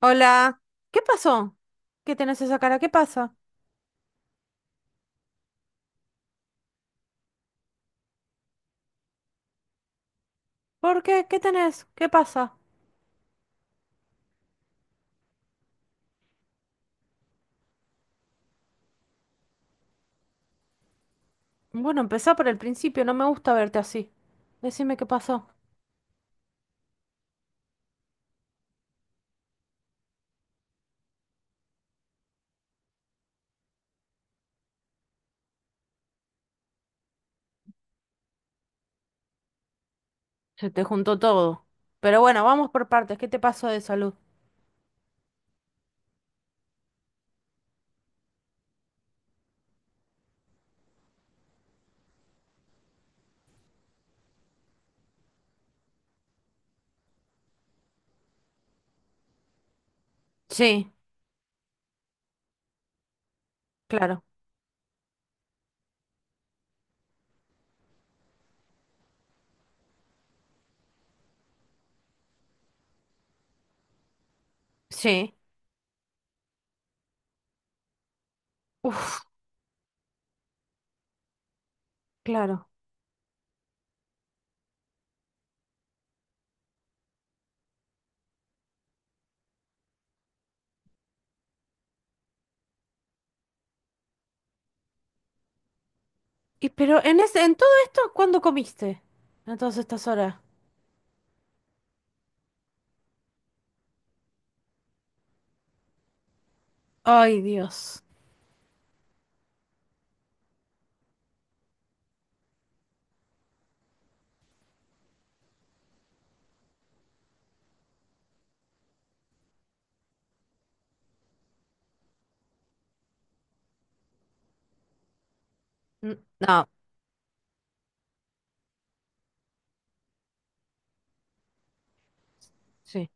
Hola, ¿qué pasó? ¿Qué tenés esa cara? ¿Qué pasa? ¿Por qué? ¿Qué tenés? ¿Qué pasa? Bueno, empezá por el principio, no me gusta verte así. Decime qué pasó. Se te juntó todo. Pero bueno, vamos por partes. ¿Qué te pasó de salud? Sí, claro. Sí. Uf, claro. Y pero en ese, en todo esto, ¿cuándo comiste? En todas estas horas. Ay, Dios. N- No, sí.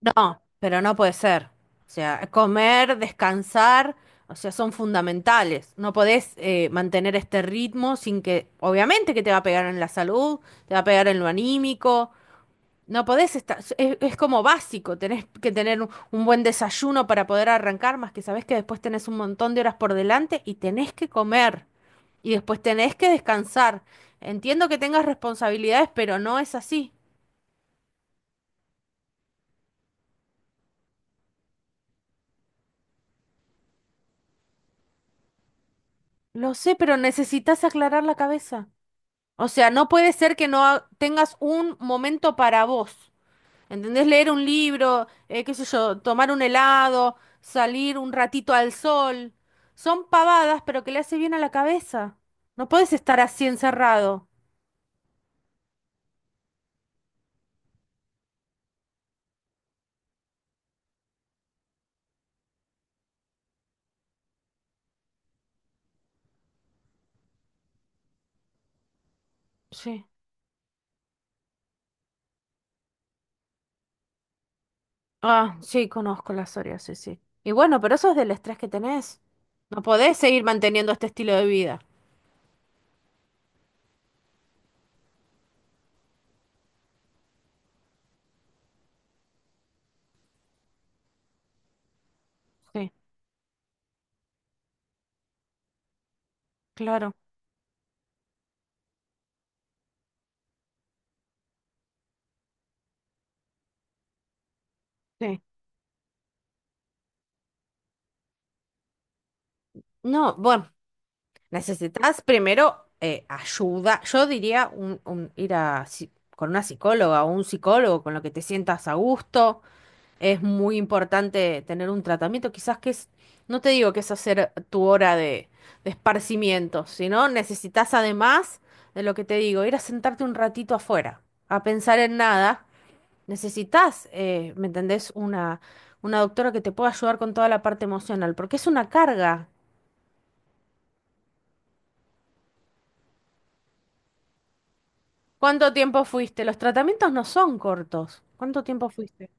No, pero no puede ser. O sea, comer, descansar, o sea, son fundamentales. No podés mantener este ritmo sin que, obviamente que te va a pegar en la salud, te va a pegar en lo anímico. No podés estar, es como básico, tenés que tener un buen desayuno para poder arrancar, más que sabés que después tenés un montón de horas por delante y tenés que comer y después tenés que descansar. Entiendo que tengas responsabilidades, pero no es así. Lo sé, pero necesitas aclarar la cabeza. O sea, no puede ser que no ha- tengas un momento para vos. ¿Entendés? Leer un libro, qué sé yo, tomar un helado, salir un ratito al sol. Son pavadas, pero que le hace bien a la cabeza. No puedes estar así encerrado. Sí. Ah, sí, conozco la psoriasis, sí. Sí. Y bueno, pero eso es del estrés que tenés. No podés seguir manteniendo este estilo de vida. Sí, claro. Sí. No, bueno. Necesitas primero ayuda. Yo diría ir a, con una psicóloga o un psicólogo con lo que te sientas a gusto. Es muy importante tener un tratamiento. Quizás que es, no te digo que es hacer tu hora de esparcimiento, sino necesitas además de lo que te digo, ir a sentarte un ratito afuera, a pensar en nada. Necesitas, ¿me entendés? Una doctora que te pueda ayudar con toda la parte emocional, porque es una carga. ¿Cuánto tiempo fuiste? Los tratamientos no son cortos. ¿Cuánto tiempo fuiste?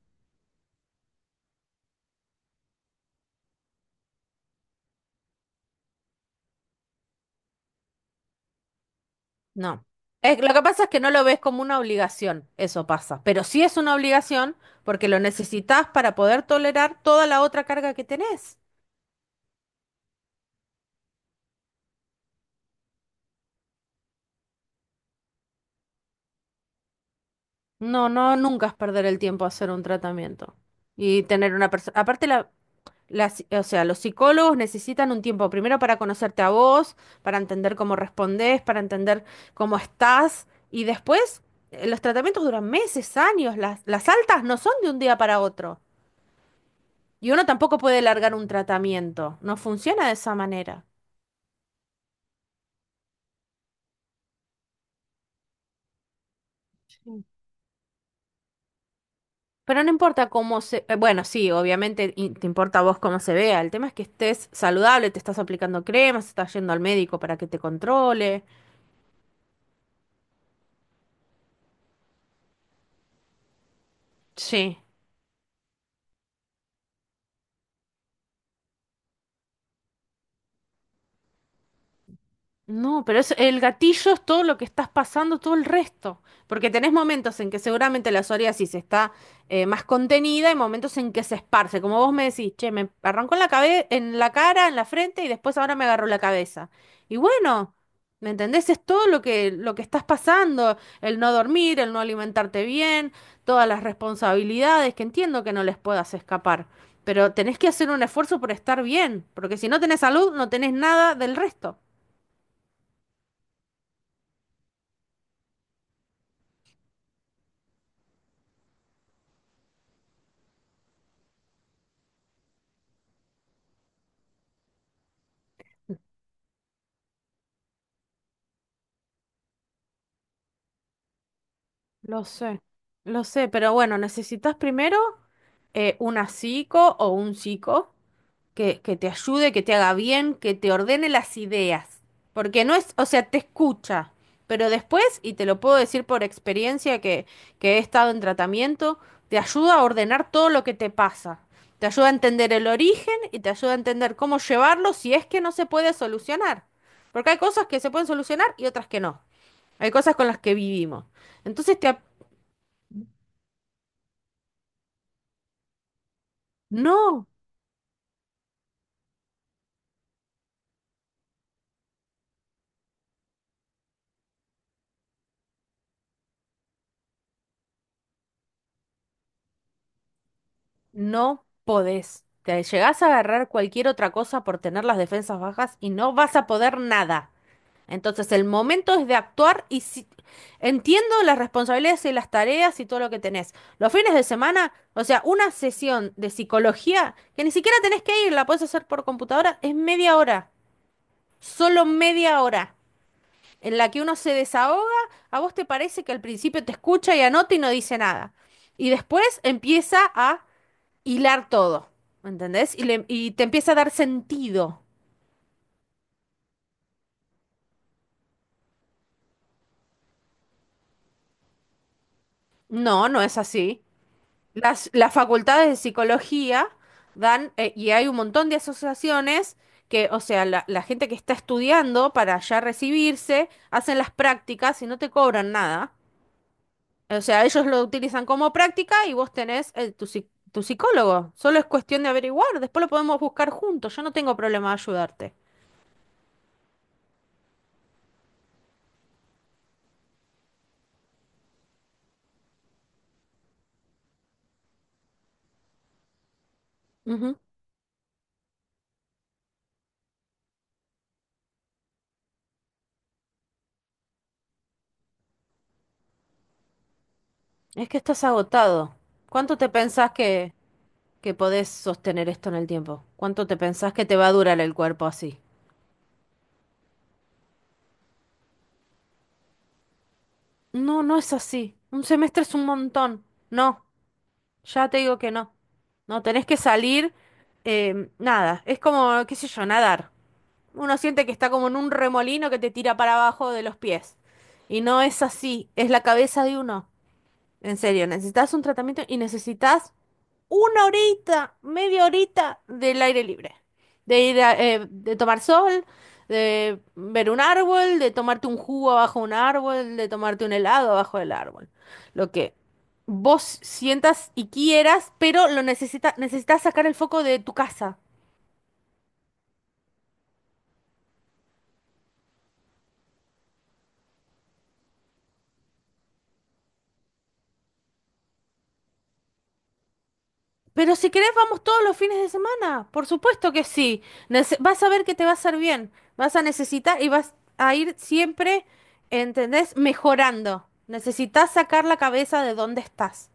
No. Es, lo que pasa es que no lo ves como una obligación, eso pasa. Pero sí es una obligación porque lo necesitas para poder tolerar toda la otra carga que tenés. No, no, nunca es perder el tiempo hacer un tratamiento. Y tener una persona. Aparte, la, las, o sea, los psicólogos necesitan un tiempo primero para conocerte a vos, para entender cómo respondés, para entender cómo estás y después los tratamientos duran meses, años, las altas no son de un día para otro y uno tampoco puede largar un tratamiento, no funciona de esa manera. Sí. Pero no importa cómo se... bueno, sí, obviamente te importa a vos cómo se vea. El tema es que estés saludable, te estás aplicando cremas, estás yendo al médico para que te controle. Sí. No, pero es, el gatillo es todo lo que estás pasando, todo el resto. Porque tenés momentos en que seguramente la psoriasis está más contenida y momentos en que se esparce. Como vos me decís, che, me arrancó en la en la cara, en la frente y después ahora me agarró la cabeza. Y bueno, ¿me entendés? Es todo lo que estás pasando, el no dormir, el no alimentarte bien, todas las responsabilidades, que entiendo que no les puedas escapar. Pero tenés que hacer un esfuerzo por estar bien, porque si no tenés salud, no tenés nada del resto. Lo sé, lo sé, pero bueno, necesitas primero una psico o un psico que te ayude, que te haga bien, que te ordene las ideas. Porque no es, o sea, te escucha, pero después, y te lo puedo decir por experiencia que he estado en tratamiento, te ayuda a ordenar todo lo que te pasa. Te ayuda a entender el origen y te ayuda a entender cómo llevarlo si es que no se puede solucionar. Porque hay cosas que se pueden solucionar y otras que no. Hay cosas con las que vivimos. Entonces te, no, no podés. Te llegás a agarrar cualquier otra cosa por tener las defensas bajas y no vas a poder nada. Entonces el momento es de actuar y si... entiendo las responsabilidades y las tareas y todo lo que tenés. Los fines de semana, o sea, una sesión de psicología que ni siquiera tenés que ir, la podés hacer por computadora, es media hora, solo media hora, en la que uno se desahoga, a vos te parece que al principio te escucha y anota y no dice nada. Y después empieza a hilar todo, ¿entendés? Y, y te empieza a dar sentido. No, no es así. Las facultades de psicología dan, y hay un montón de asociaciones que, o sea, la gente que está estudiando para ya recibirse, hacen las prácticas y no te cobran nada. O sea, ellos lo utilizan como práctica y vos tenés tu, tu psicólogo. Solo es cuestión de averiguar, después lo podemos buscar juntos. Yo no tengo problema de ayudarte. Ujú. Es que estás agotado. ¿Cuánto te pensás que podés sostener esto en el tiempo. ¿Cuánto te pensás que te va a durar el cuerpo así? No, no es así. Un semestre es un montón. No, ya te digo que no. No, tenés que salir, nada, es como, qué sé yo, nadar. Uno siente que está como en un remolino que te tira para abajo de los pies. Y no es así, es la cabeza de uno. En serio, necesitas un tratamiento y necesitas una horita, media horita del aire libre. De ir a, de tomar sol, de ver un árbol, de tomarte un jugo abajo de un árbol, de tomarte un helado abajo del árbol. Lo que vos sientas y quieras, pero lo necesitas necesitas sacar el foco de tu casa. Pero si querés, vamos todos los fines de semana. Por supuesto que sí. Vas a ver que te va a hacer bien. Vas a necesitar y vas a ir siempre, ¿entendés? Mejorando. Necesitas sacar la cabeza de dónde estás.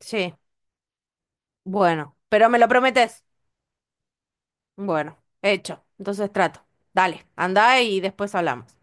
Sí, bueno, pero me lo prometes. Bueno, hecho. Entonces trato. Dale, anda y después hablamos.